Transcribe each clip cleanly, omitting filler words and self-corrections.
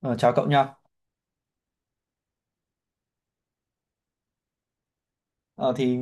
Ờ, Chào cậu nha. Ờ, thì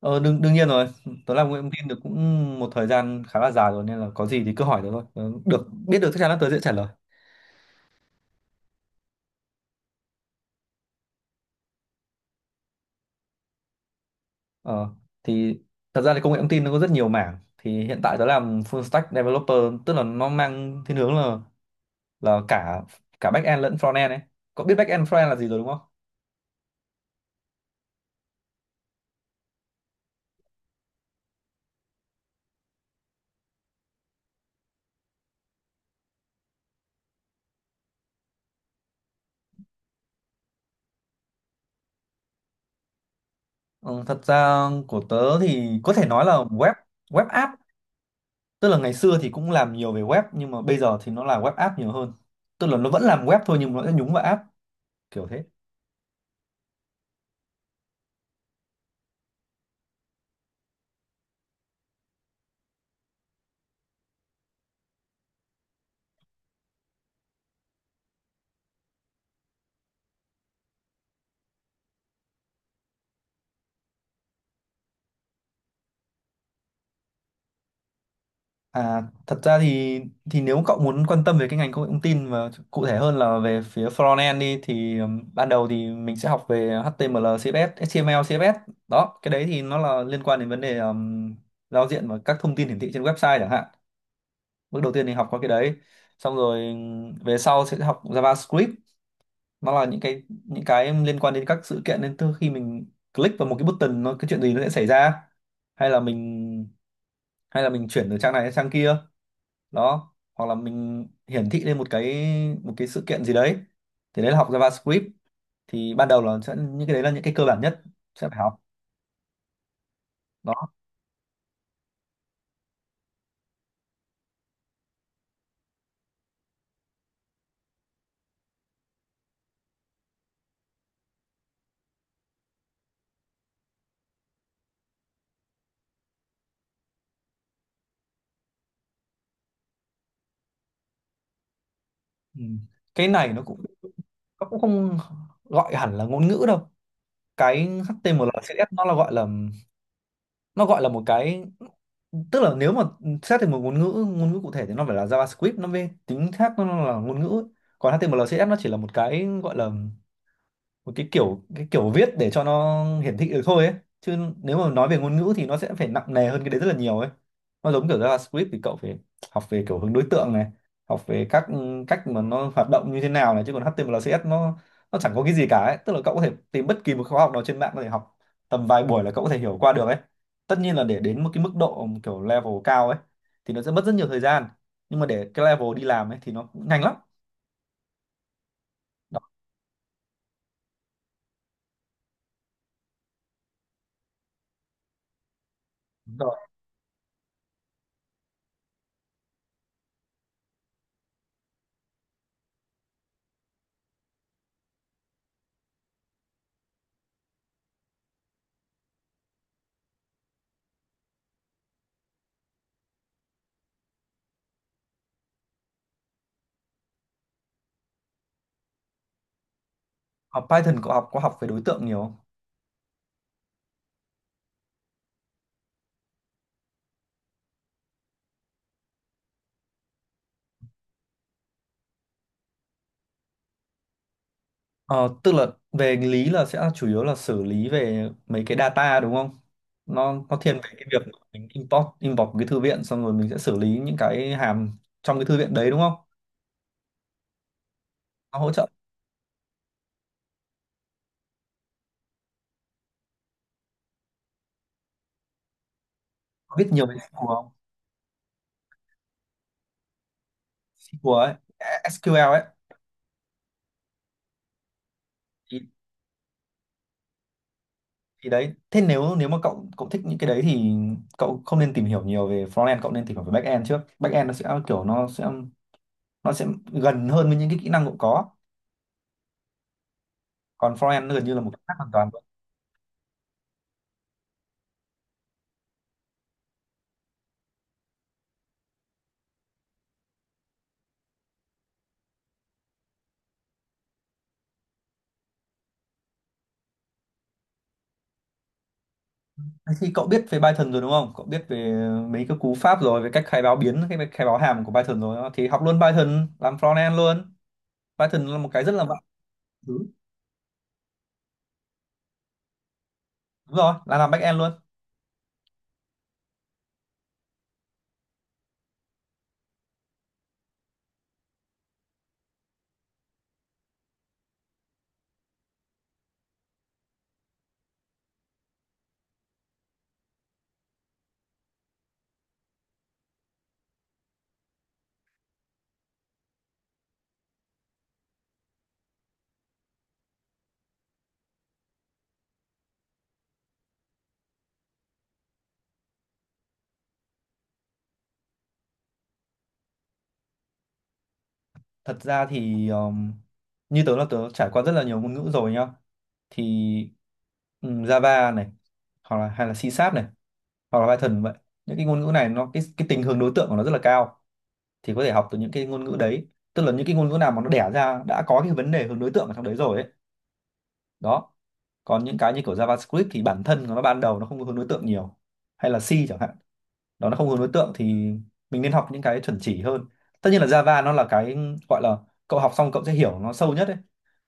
ờ, đương đương nhiên rồi. Tớ làm nguyện viên được cũng một thời gian khá là dài rồi nên là có gì thì cứ hỏi tớ thôi. Tớ được biết được chắc chắn là tớ sẽ trả lời. Ờ, thì Thật ra thì công nghệ thông tin nó có rất nhiều mảng. Thì hiện tại tớ làm full stack developer, tức là nó mang thiên hướng là cả cả back end lẫn front end ấy. Cậu biết back end front end là gì rồi đúng không? Ừ, Thật ra của tớ thì có thể nói là web web app, tức là ngày xưa thì cũng làm nhiều về web nhưng mà bây giờ thì nó là web app nhiều hơn, tức là nó vẫn làm web thôi nhưng mà nó sẽ nhúng vào app, kiểu thế. À, thật ra thì nếu cậu muốn quan tâm về cái ngành công nghệ thông tin và cụ thể hơn là về phía frontend đi thì ban đầu thì mình sẽ học về HTML CSS. Đó, cái đấy thì nó là liên quan đến vấn đề giao diện và các thông tin hiển thị trên website chẳng hạn. Bước đầu tiên thì học qua cái đấy, xong rồi về sau sẽ học JavaScript. Nó là những cái liên quan đến các sự kiện, nên từ khi mình click vào một cái button nó cái chuyện gì nó sẽ xảy ra, hay là mình chuyển từ trang này sang trang kia, đó, hoặc là mình hiển thị lên một cái sự kiện gì đấy, thì đấy là học JavaScript. Thì ban đầu là sẽ những cái đấy là những cái cơ bản nhất sẽ phải học. Đó. ừ. Cái này nó cũng không gọi hẳn là ngôn ngữ đâu. Cái HTML CSS nó là gọi là nó gọi là một cái tức là nếu mà xét thành một ngôn ngữ cụ thể thì nó phải là JavaScript, nó mới tính, khác, nó là ngôn ngữ ấy. Còn HTML CSS nó chỉ là một cái gọi là một cái kiểu, viết để cho nó hiển thị được thôi ấy, chứ nếu mà nói về ngôn ngữ thì nó sẽ phải nặng nề hơn cái đấy rất là nhiều ấy. Nó giống kiểu JavaScript thì cậu phải học về kiểu hướng đối tượng này, học về các cách mà nó hoạt động như thế nào này, chứ còn HTML CSS nó chẳng có cái gì cả ấy, tức là cậu có thể tìm bất kỳ một khóa học nào trên mạng có thể học, tầm vài buổi là cậu có thể hiểu qua được ấy. Tất nhiên là để đến một cái mức độ kiểu level cao ấy thì nó sẽ mất rất nhiều thời gian, nhưng mà để cái level đi làm ấy thì nó cũng nhanh lắm. Đó, đúng rồi. Học Python cậu học có học về đối tượng nhiều không? Ờ, Tức là về lý là sẽ chủ yếu là xử lý về mấy cái data đúng không? Nó thiên về cái việc mình import import một cái thư viện, xong rồi mình sẽ xử lý những cái hàm trong cái thư viện đấy đúng không? Nó hỗ trợ có biết nhiều về SQL không? SQL ấy, SQL ấy thì, thì đấy. Thế nếu nếu mà cậu cậu thích những cái đấy thì cậu không nên tìm hiểu nhiều về frontend, cậu nên tìm hiểu về backend trước. Backend nó sẽ kiểu nó sẽ gần hơn với những cái kỹ năng cậu có, còn frontend nó gần như là một cái khác hoàn toàn. Thế thì cậu biết về Python rồi đúng không? Cậu biết về mấy cái cú pháp rồi, về cách khai báo biến, cái khai báo hàm của Python rồi. Đó. Thì học luôn Python, làm front end luôn. Python là một cái rất là vạn thứ. Đúng rồi, là làm back end luôn. Thật ra thì như tớ là tớ trải qua rất là nhiều ngôn ngữ rồi nhá. Thì Java này, hoặc là hay là C Sharp này, hoặc là Python vậy. Những cái ngôn ngữ này nó cái tình hướng đối tượng của nó rất là cao. Thì có thể học từ những cái ngôn ngữ đấy. Tức là những cái ngôn ngữ nào mà nó đẻ ra đã có cái vấn đề hướng đối tượng ở trong đấy rồi ấy, đó, còn những cái như kiểu JavaScript thì bản thân của nó ban đầu nó không có hướng đối tượng nhiều, hay là C chẳng hạn, đó, nó không hướng đối tượng, thì mình nên học những cái chuẩn chỉ hơn. Tất nhiên là Java nó là cái gọi là cậu học xong cậu sẽ hiểu nó sâu nhất ấy,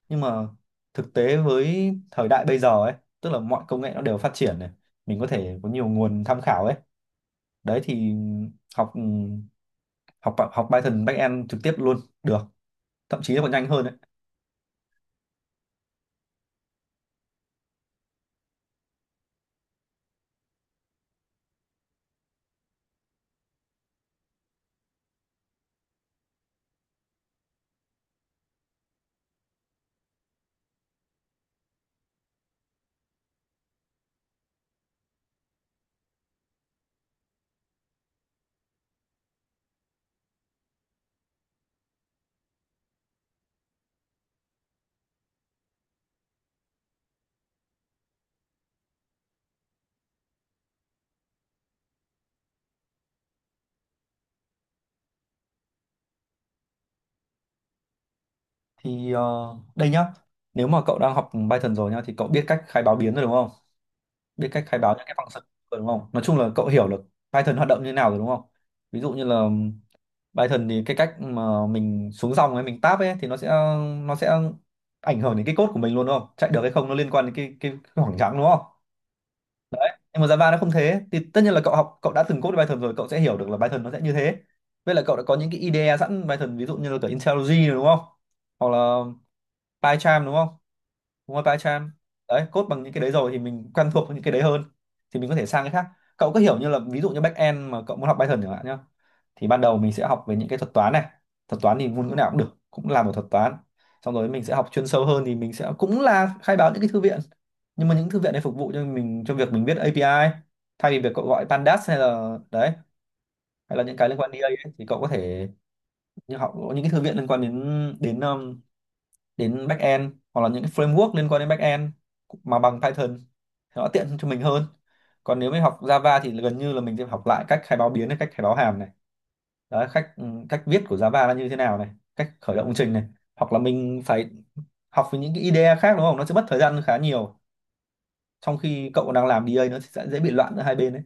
nhưng mà thực tế với thời đại bây giờ ấy, tức là mọi công nghệ nó đều phát triển này, mình có thể có nhiều nguồn tham khảo ấy, đấy thì học học học Python backend trực tiếp luôn được, thậm chí nó còn nhanh hơn đấy. Thì đây nhá, nếu mà cậu đang học Python rồi nhá thì cậu biết cách khai báo biến rồi đúng không, biết cách khai báo những cái function rồi đúng không, nói chung là cậu hiểu được Python hoạt động như thế nào rồi đúng không. Ví dụ như là Python thì cái cách mà mình xuống dòng ấy, mình tab ấy, thì nó sẽ ảnh hưởng đến cái code của mình luôn đúng không, chạy được hay không nó liên quan đến cái khoảng trắng đúng không. Đấy, nhưng mà Java nó không thế, thì tất nhiên là cậu học, cậu đã từng code Python rồi cậu sẽ hiểu được là Python nó sẽ như thế. Với lại cậu đã có những cái IDE sẵn Python ví dụ như là cả IntelliJ rồi đúng không, hoặc là PyCharm đúng không, đúng rồi PyCharm. Đấy, code bằng những cái đấy rồi thì mình quen thuộc với những cái đấy hơn, thì mình có thể sang cái khác. Cậu cứ hiểu như là ví dụ như back end mà cậu muốn học Python chẳng hạn nhá, thì ban đầu mình sẽ học về những cái thuật toán này. Thuật toán thì ngôn ngữ nào cũng được, cũng là một thuật toán. Xong rồi mình sẽ học chuyên sâu hơn thì mình sẽ cũng là khai báo những cái thư viện, nhưng mà những thư viện này phục vụ cho mình cho việc mình viết API, thay vì việc cậu gọi pandas hay là đấy, hay là những cái liên quan đến ấy, thì cậu có thể như học những cái thư viện liên quan đến đến đến backend hoặc là những cái framework liên quan đến backend mà bằng Python thì nó tiện cho mình hơn. Còn nếu mình học Java thì gần như là mình sẽ học lại cách khai báo biến này, cách khai báo hàm này, đấy, cách viết của Java là như thế nào này, cách khởi động công trình này, hoặc là mình phải học với những cái IDE khác đúng không, nó sẽ mất thời gian khá nhiều, trong khi cậu đang làm DA nó sẽ dễ bị loạn giữa hai bên đấy.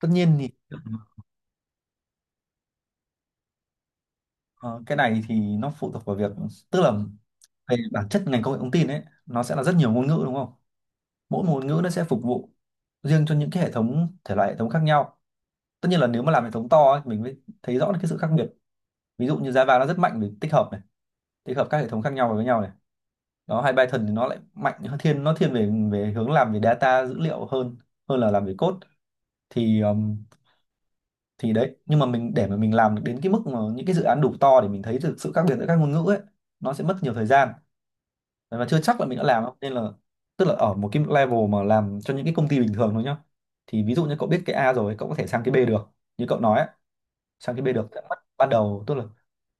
Tất nhiên thì ờ, cái này thì nó phụ thuộc vào việc, tức là về bản chất ngành công nghệ thông tin ấy nó sẽ là rất nhiều ngôn ngữ đúng không, mỗi một ngôn ngữ nó sẽ phục vụ riêng cho những cái hệ thống, thể loại hệ thống khác nhau. Tất nhiên là nếu mà làm hệ thống to ấy, mình mới thấy rõ được cái sự khác biệt. Ví dụ như Java nó rất mạnh về tích hợp này, tích hợp các hệ thống khác nhau vào với nhau này, đó, hay Python thì nó lại mạnh hơn thiên nó thiên về về hướng làm về data dữ liệu hơn, hơn là làm về code. thì um, thì đấy, nhưng mà mình để mà mình làm được đến cái mức mà những cái dự án đủ to để mình thấy được sự khác biệt giữa các ngôn ngữ ấy nó sẽ mất nhiều thời gian, và chưa chắc là mình đã làm đâu, nên là tức là ở một cái level mà làm cho những cái công ty bình thường thôi nhá, thì ví dụ như cậu biết cái A rồi cậu có thể sang cái B được, như cậu nói ấy, sang cái B được sẽ mất ban đầu, tức là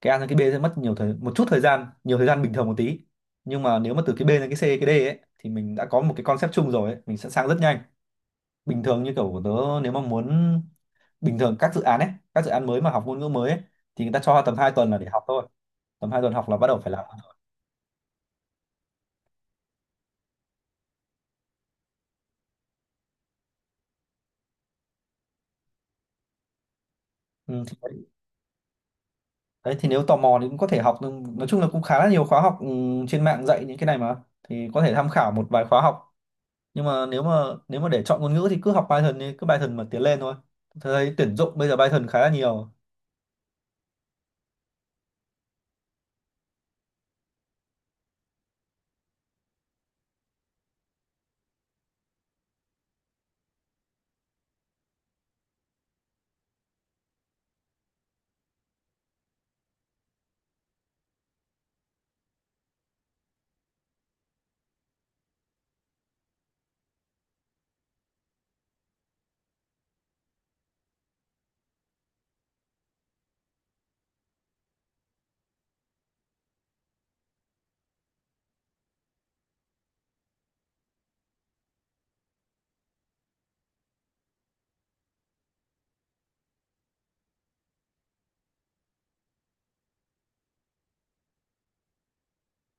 cái A sang cái B sẽ mất nhiều thời một chút thời gian, nhiều thời gian bình thường một tí, nhưng mà nếu mà từ cái B sang cái C cái D ấy thì mình đã có một cái concept chung rồi ấy, mình sẽ sang rất nhanh. Bình thường như kiểu của tớ, nếu mà muốn, bình thường các dự án ấy, các dự án mới mà học ngôn ngữ mới ấy, thì người ta cho tầm 2 tuần là để học thôi. Tầm 2 tuần học là bắt đầu phải làm. Ừ, đấy thì nếu tò mò thì cũng có thể học nhưng nói chung là cũng khá là nhiều khóa học, ừ, trên mạng dạy những cái này mà. Thì có thể tham khảo một vài khóa học. Nhưng mà nếu mà để chọn ngôn ngữ thì cứ học Python đi, cứ Python mà tiến lên thôi. Tôi thấy tuyển dụng bây giờ Python khá là nhiều.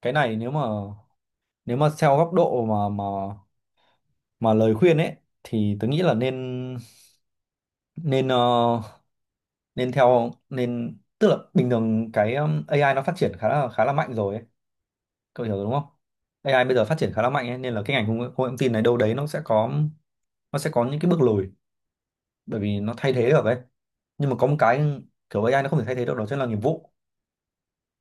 Cái này nếu mà theo góc độ mà lời khuyên ấy, thì tôi nghĩ là nên nên ờ, nên theo nên tức là bình thường cái AI nó phát triển khá là mạnh rồi ấy. Cậu hiểu rồi đúng không? AI bây giờ phát triển khá là mạnh ấy, nên là cái ngành công nghệ thông tin này đâu đấy nó sẽ có những cái bước lùi bởi vì nó thay thế được ấy. Nhưng mà có một cái kiểu AI nó không thể thay thế được, đó chính là nghiệp vụ.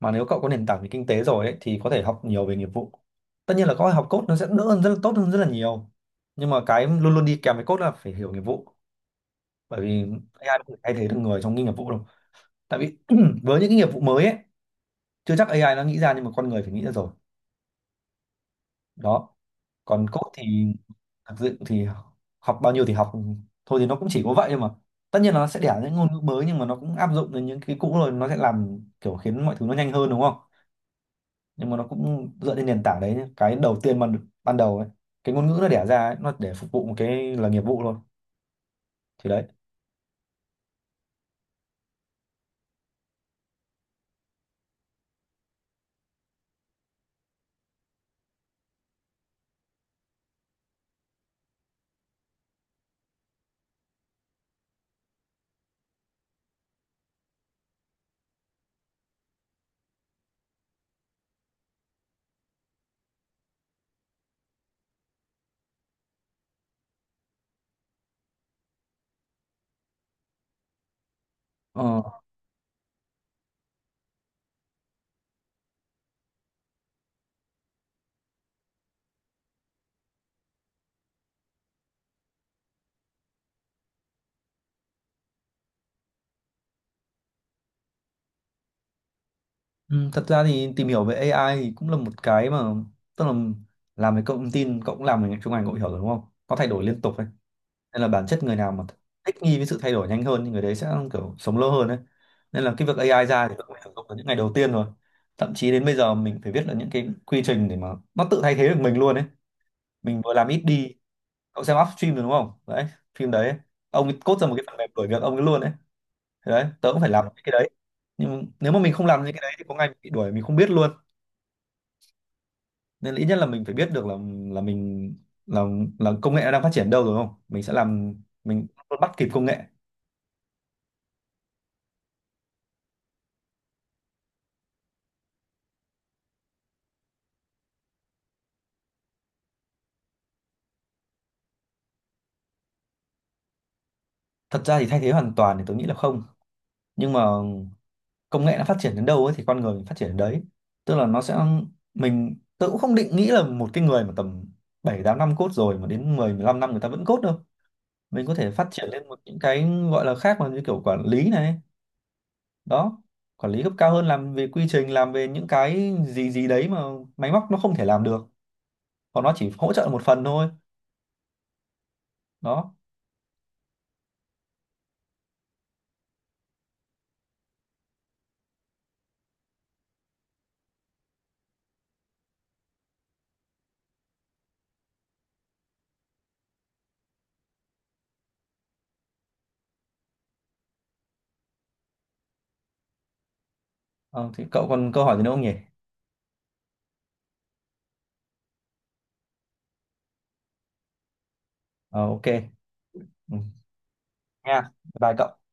Mà nếu cậu có nền tảng về kinh tế rồi ấy, thì có thể học nhiều về nghiệp vụ. Tất nhiên là có học code nó sẽ đỡ hơn, rất là tốt hơn rất là nhiều, nhưng mà cái luôn luôn đi kèm với code là phải hiểu nghiệp vụ. Bởi vì AI nó không thể thay thế được người trong cái nghiệp vụ đâu. Tại vì với những cái nghiệp vụ mới ấy, chưa chắc AI nó nghĩ ra, nhưng mà con người phải nghĩ ra rồi. Đó. Còn code thì thực sự thì học bao nhiêu thì học thôi, thì nó cũng chỉ có vậy thôi mà. Tất nhiên là nó sẽ đẻ những ngôn ngữ mới nhưng mà nó cũng áp dụng đến những cái cũ rồi, nó sẽ làm kiểu khiến mọi thứ nó nhanh hơn đúng không? Nhưng mà nó cũng dựa trên nền tảng đấy nhé. Cái đầu tiên mà ban đầu ấy, cái ngôn ngữ nó đẻ ra ấy, nó để phục vụ một cái là nghiệp vụ thôi. Thì đấy. Ờ. Ừ, thật ra thì tìm hiểu về AI thì cũng là một cái mà, tức là làm về công nghệ thông tin cậu cũng làm về trong ngành, cậu hiểu rồi đúng không? Nó thay đổi liên tục nên là bản chất người nào mà thích nghi với sự thay đổi nhanh hơn thì người đấy sẽ kiểu sống lâu hơn đấy. Nên là cái việc AI ra thì cũng phải sử dụng từ những ngày đầu tiên rồi. Thậm chí đến bây giờ mình phải viết là những cái quy trình để mà nó tự thay thế được mình luôn đấy, mình vừa làm ít đi. Cậu xem Upstream rồi đúng không đấy? Phim đấy ấy. Ông ấy cốt ra một cái phần mềm đuổi việc ông ấy luôn đấy. Thế đấy, tớ cũng phải làm những cái đấy. Nhưng mà nếu mà mình không làm những cái đấy thì có ngày mình bị đuổi mình không biết luôn. Nên là ít nhất là mình phải biết được là mình, là là công nghệ nó đang phát triển đâu rồi, không mình sẽ làm, mình bắt kịp công nghệ. Thật ra thì thay thế hoàn toàn thì tôi nghĩ là không, nhưng mà công nghệ nó phát triển đến đâu ấy thì con người mình phát triển đến đấy. Tức là nó sẽ, mình, tôi cũng không định nghĩ là một cái người mà tầm 7 8 năm cốt rồi mà đến 15 năm người ta vẫn cốt đâu. Mình có thể phát triển lên một những cái gọi là khác mà như kiểu quản lý này. Đó. Quản lý cấp cao hơn, làm về quy trình, làm về những cái gì gì đấy mà máy móc nó không thể làm được. Còn nó chỉ hỗ trợ một phần thôi. Đó. Ờ, thì cậu còn câu hỏi gì nữa không nhỉ? Ờ, ok. Ừ. Nha, bye bye cậu.